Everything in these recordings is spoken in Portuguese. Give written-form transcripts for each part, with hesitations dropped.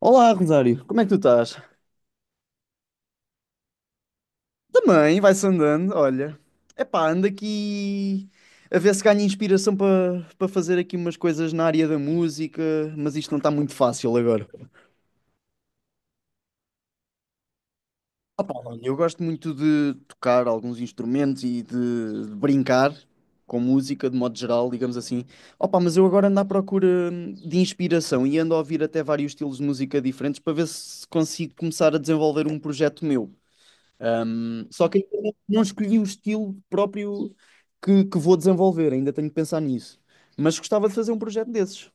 Olá, Rosário, como é que tu estás? Também, vai-se andando, olha. Epá, ando aqui a ver se ganho inspiração para fazer aqui umas coisas na área da música, mas isto não está muito fácil agora. Opá, olha, eu gosto muito de tocar alguns instrumentos e de brincar com música, de modo geral, digamos assim. Opá, mas eu agora ando à procura de inspiração e ando a ouvir até vários estilos de música diferentes para ver se consigo começar a desenvolver um projeto meu. Só que ainda não escolhi o estilo próprio que vou desenvolver, ainda tenho que pensar nisso. Mas gostava de fazer um projeto desses.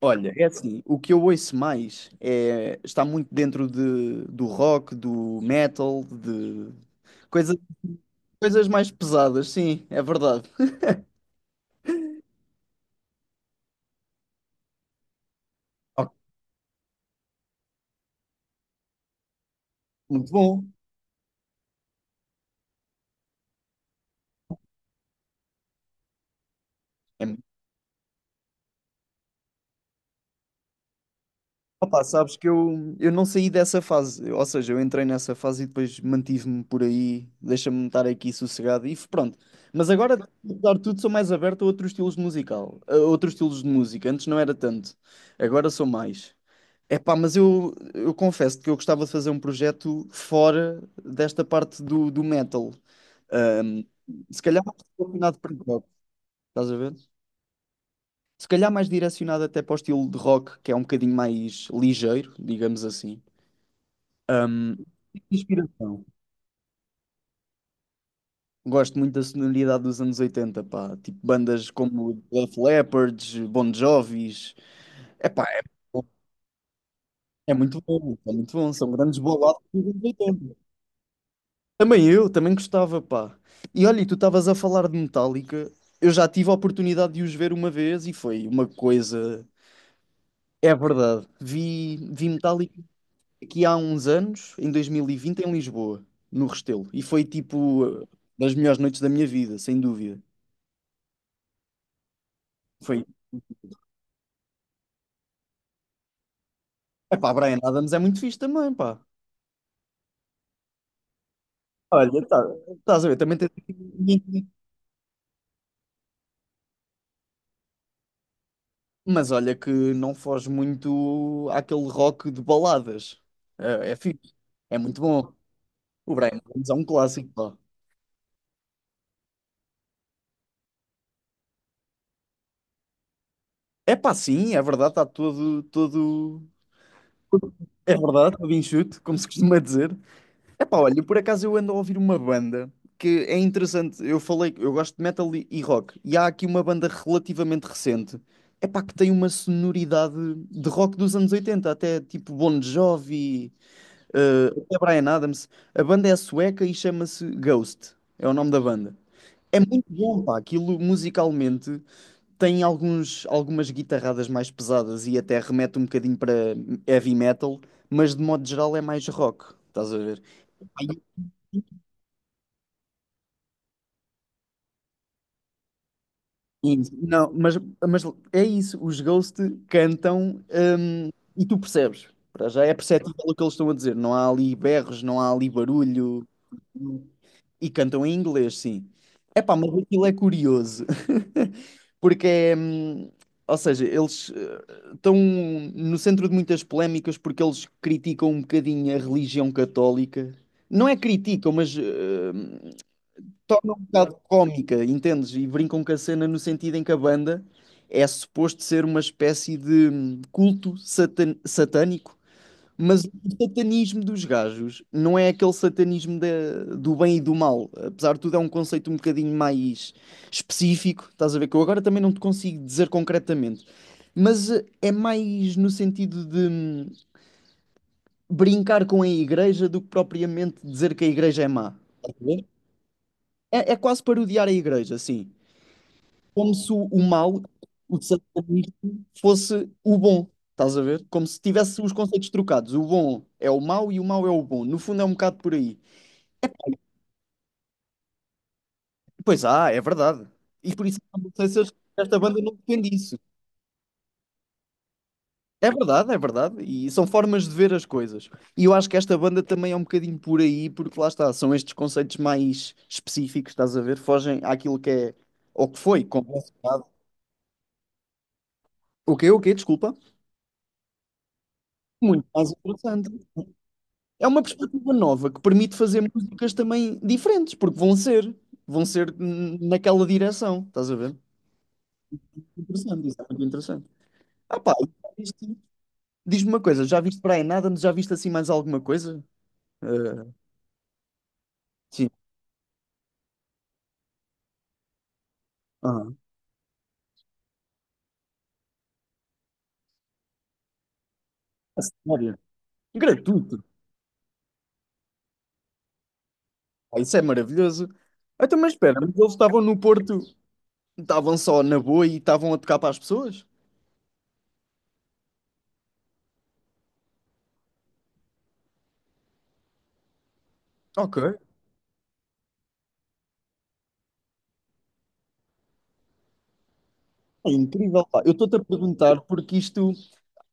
Olha, é assim, o que eu ouço mais é, está muito dentro de, do rock, do metal, de coisa, coisas mais pesadas, sim, é verdade. Ok. Muito bom. É. Opa, sabes que eu não saí dessa fase, ou seja, eu entrei nessa fase e depois mantive-me por aí, deixa-me estar aqui sossegado e pronto. Mas agora, apesar de tudo, sou mais aberto a outros estilos musical, a outros estilos de música. Antes não era tanto, agora sou mais. Epá, mas eu confesso que eu gostava de fazer um projeto fora desta parte do metal. Ahm, Se calhar mais direcionado para rock, estás a ver? Se calhar mais direcionado até para o estilo de rock, que é um bocadinho mais ligeiro, digamos assim. Inspiração. Gosto muito da sonoridade dos anos 80, pá. Tipo, bandas como Def Leppard, Bon Jovis. É pá, é muito bom, é muito bom. São grandes boladas dos anos 80. Também eu, também gostava, pá. E olha, e tu estavas a falar de Metallica. Eu já tive a oportunidade de os ver uma vez e foi uma coisa. É verdade. Vi Metallica aqui há uns anos, em 2020, em Lisboa, no Restelo. E foi tipo das melhores noites da minha vida, sem dúvida. Foi. É pá, Brian Adams é muito fixe também, pá. Olha, tá. Estás a ver? Também tem. Mas olha que não foge muito àquele rock de baladas. É fixe. É muito bom. O Brian Adams é um clássico, pá. É pá, sim, é verdade, está todo, todo. É verdade, todo enxuto, como se costuma dizer. Epá, olha, por acaso eu ando a ouvir uma banda que é interessante. Eu falei, que eu gosto de metal e rock, e há aqui uma banda relativamente recente, epá, que tem uma sonoridade de rock dos anos 80, até tipo Bon Jovi, até Bryan Adams. A banda é sueca e chama-se Ghost, é o nome da banda. É muito bom, pá, aquilo musicalmente tem algumas guitarradas mais pesadas e até remete um bocadinho para heavy metal, mas de modo geral é mais rock, estás a ver? Isso. Não, mas é isso, os Ghost cantam, e tu percebes. Para já é perceptível o que eles estão a dizer. Não há ali berros, não há ali barulho. E cantam em inglês, sim. Epá, mas aquilo é curioso. Porque é. Ou seja, eles estão no centro de muitas polémicas porque eles criticam um bocadinho a religião católica. Não é criticam, mas torna um bocado cómica, entendes? E brincam com a cena no sentido em que a banda é suposto ser uma espécie de culto satânico, mas o satanismo dos gajos não é aquele satanismo do bem e do mal. Apesar de tudo, é um conceito um bocadinho mais específico, estás a ver? Que eu agora também não te consigo dizer concretamente. Mas é mais no sentido de brincar com a igreja do que propriamente dizer que a igreja é má. Estás a ver? É quase parodiar a igreja, sim. Como se o mal, o satanismo, fosse o bom. Estás a ver? Como se tivesse os conceitos trocados. O bom é o mau e o mau é o bom. No fundo é um bocado por aí. Pois ah, é verdade. E por isso não sei se esta banda não defende isso. É verdade, é verdade. E são formas de ver as coisas. E eu acho que esta banda também é um bocadinho por aí, porque lá está, são estes conceitos mais específicos, estás a ver? Fogem àquilo que é, ou que foi, como é o que, o quê? Desculpa. Muito mais interessante. É uma perspectiva nova que permite fazer músicas também diferentes, porque vão ser naquela direção, estás a ver? Interessante, isso é muito interessante. Ah pá, e diz-me uma coisa, já viste para Brian nada? Já viste assim mais alguma coisa? Eh, sim. Ah, a sério? Gratuito. Ah, isso é maravilhoso. Ah, então, mas espera, mas eles estavam no Porto, estavam só na boa e estavam a tocar para as pessoas? Ok. É incrível, pá. Eu estou-te a perguntar porque isto.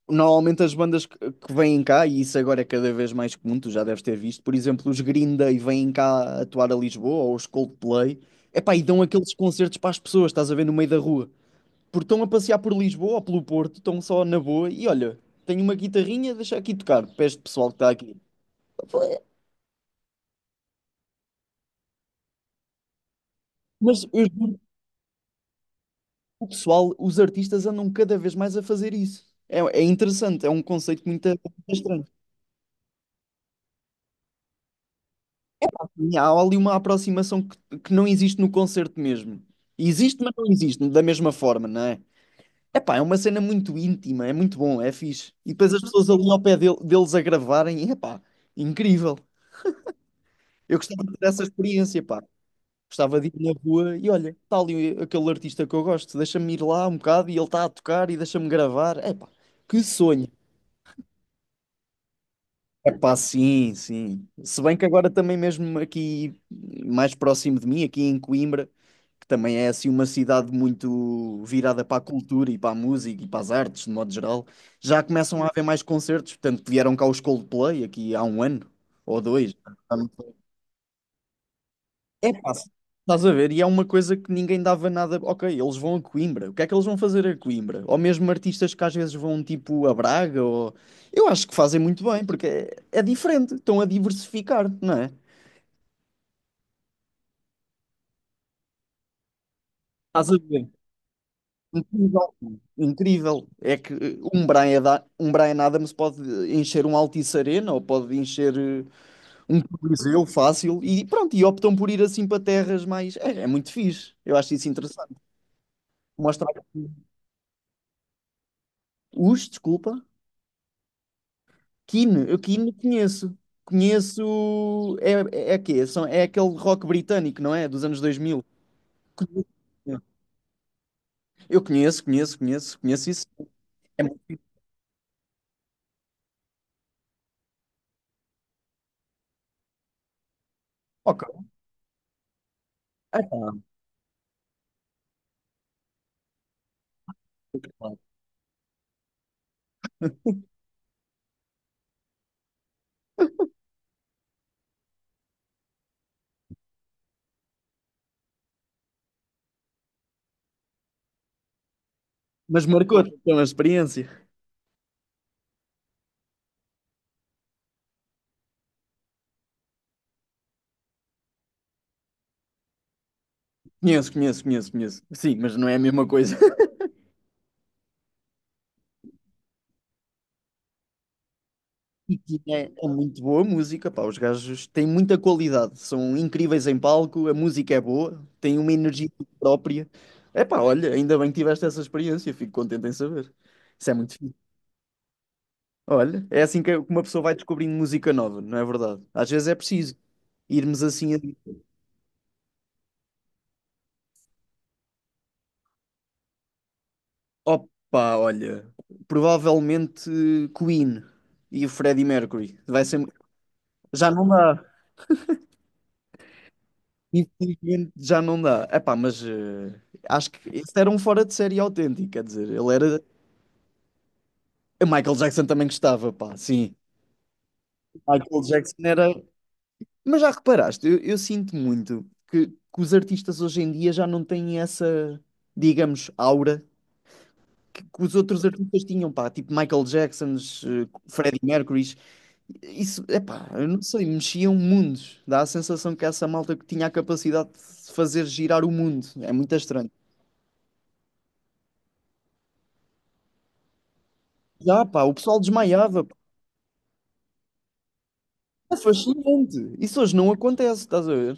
Normalmente as bandas que vêm cá, e isso agora é cada vez mais comum, tu já deves ter visto, por exemplo, os Green Day vêm cá atuar a Lisboa, ou os Coldplay, epá, e dão aqueles concertos para as pessoas, estás a ver, no meio da rua. Porque estão a passear por Lisboa ou pelo Porto, estão só na boa, e olha, tenho uma guitarrinha, deixa aqui tocar, para este pessoal que está aqui. Mas eu juro, o pessoal, os artistas andam cada vez mais a fazer isso. É interessante, é um conceito muito estranho. E há ali uma aproximação que não existe no concerto mesmo. Existe, mas não existe da mesma forma, não é? Epá, é uma cena muito íntima, é muito bom, é fixe. E depois as pessoas ali ao pé deles a gravarem, e, epá, incrível. Eu gostava de ter essa experiência, pá. Gostava de ir na rua e olha, está ali aquele artista que eu gosto, deixa-me ir lá um bocado e ele está a tocar e deixa-me gravar. Epá, que sonho. Epá, sim, sim. Se bem que agora também mesmo aqui mais próximo de mim, aqui em Coimbra, que também é assim uma cidade muito virada para a cultura e para a música e para as artes, de modo geral, já começam a haver mais concertos. Portanto, vieram cá os Coldplay aqui há um ano ou dois. É pá, estás a ver? E é uma coisa que ninguém dava nada. Ok, eles vão a Coimbra. O que é que eles vão fazer a Coimbra? Ou mesmo artistas que às vezes vão tipo a Braga. Ou... Eu acho que fazem muito bem, porque é diferente. Estão a diversificar, não é? Estás a ver? Incrível. Incrível. É que um Brian Adams pode encher um Altice Arena ou pode encher um Coliseu fácil e pronto. E optam por ir assim para terras mais. É muito fixe. Eu acho isso interessante. Mostrar. Os, desculpa. Keane, eu Keane conheço. Conheço. É quê? É aquele rock britânico, não é? Dos anos 2000. Conheço. Eu conheço, conheço, conheço, conheço isso. É muito fixe. Ok. Ah, tá, tá. Mas marcou-te então a experiência. Conheço, conheço, conheço, conheço. Sim, mas não é a mesma coisa. E é muito boa a música, pá. Os gajos têm muita qualidade, são incríveis em palco, a música é boa, têm uma energia própria. É pá, olha, ainda bem que tiveste essa experiência, fico contente em saber. Isso é muito fixe. Olha, é assim que uma pessoa vai descobrindo música nova, não é verdade? Às vezes é preciso irmos assim a... Opa, olha, provavelmente Queen e o Freddie Mercury. Vai ser... Já não dá. Infelizmente já não dá. Epá, mas acho que esse era um fora de série autêntico, quer dizer, ele era... Michael Jackson também gostava, pá, sim. Michael Jackson era... Mas já reparaste, eu sinto muito que os artistas hoje em dia já não têm essa, digamos, aura que os outros artistas tinham, pá, tipo Michael Jacksons, Freddie Mercurys, isso, é pá, eu não sei, mexiam mundos. Dá a sensação que essa malta que tinha a capacidade de fazer girar o mundo. É muito estranho. Já, pá, o pessoal desmaiava, pá. É fascinante. Isso hoje não acontece, estás a ver?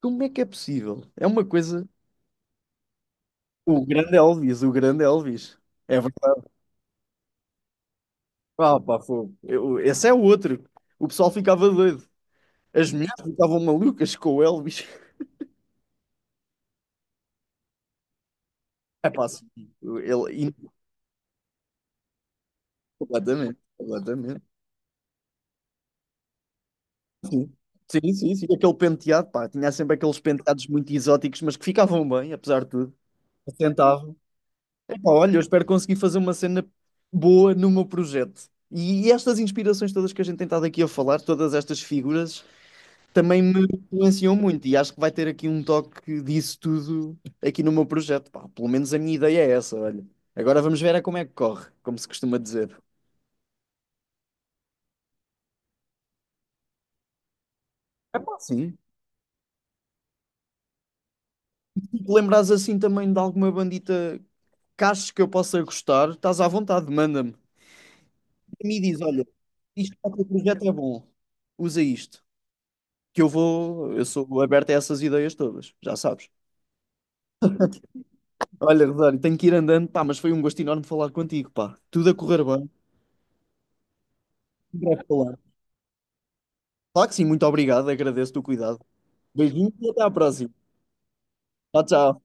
Como é que é possível? É uma coisa. O grande Elvis, o grande Elvis. É verdade. Ah, pá, fogo. Esse é o outro. O pessoal ficava doido. As mulheres ficavam malucas com o Elvis. É pá, assim, ele, completamente, completamente. Sim. Sim, sim, sim. Aquele penteado, pá, tinha sempre aqueles penteados muito exóticos, mas que ficavam bem, apesar de tudo. Assentavam. Epá, olha, eu espero conseguir fazer uma cena boa no meu projeto. E estas inspirações todas que a gente tem estado aqui a falar, todas estas figuras, também me influenciam muito. E acho que vai ter aqui um toque disso tudo aqui no meu projeto. Pá, pelo menos a minha ideia é essa, olha. Agora vamos ver é como é que corre, como se costuma dizer. É pá, sim. Se te lembrares assim também de alguma bandita que achas que eu possa gostar, estás à vontade, manda-me. E me diz, olha, isto para o teu projeto é bom, usa isto. Que eu sou aberto a essas ideias todas, já sabes. Olha, Rosário, tenho que ir andando, pá, mas foi um gosto enorme falar contigo, pá. Tudo a correr bem, em breve falar. Claro que sim, muito obrigado, agradeço-te o cuidado. Beijinho e até à próxima. Tchau, tchau.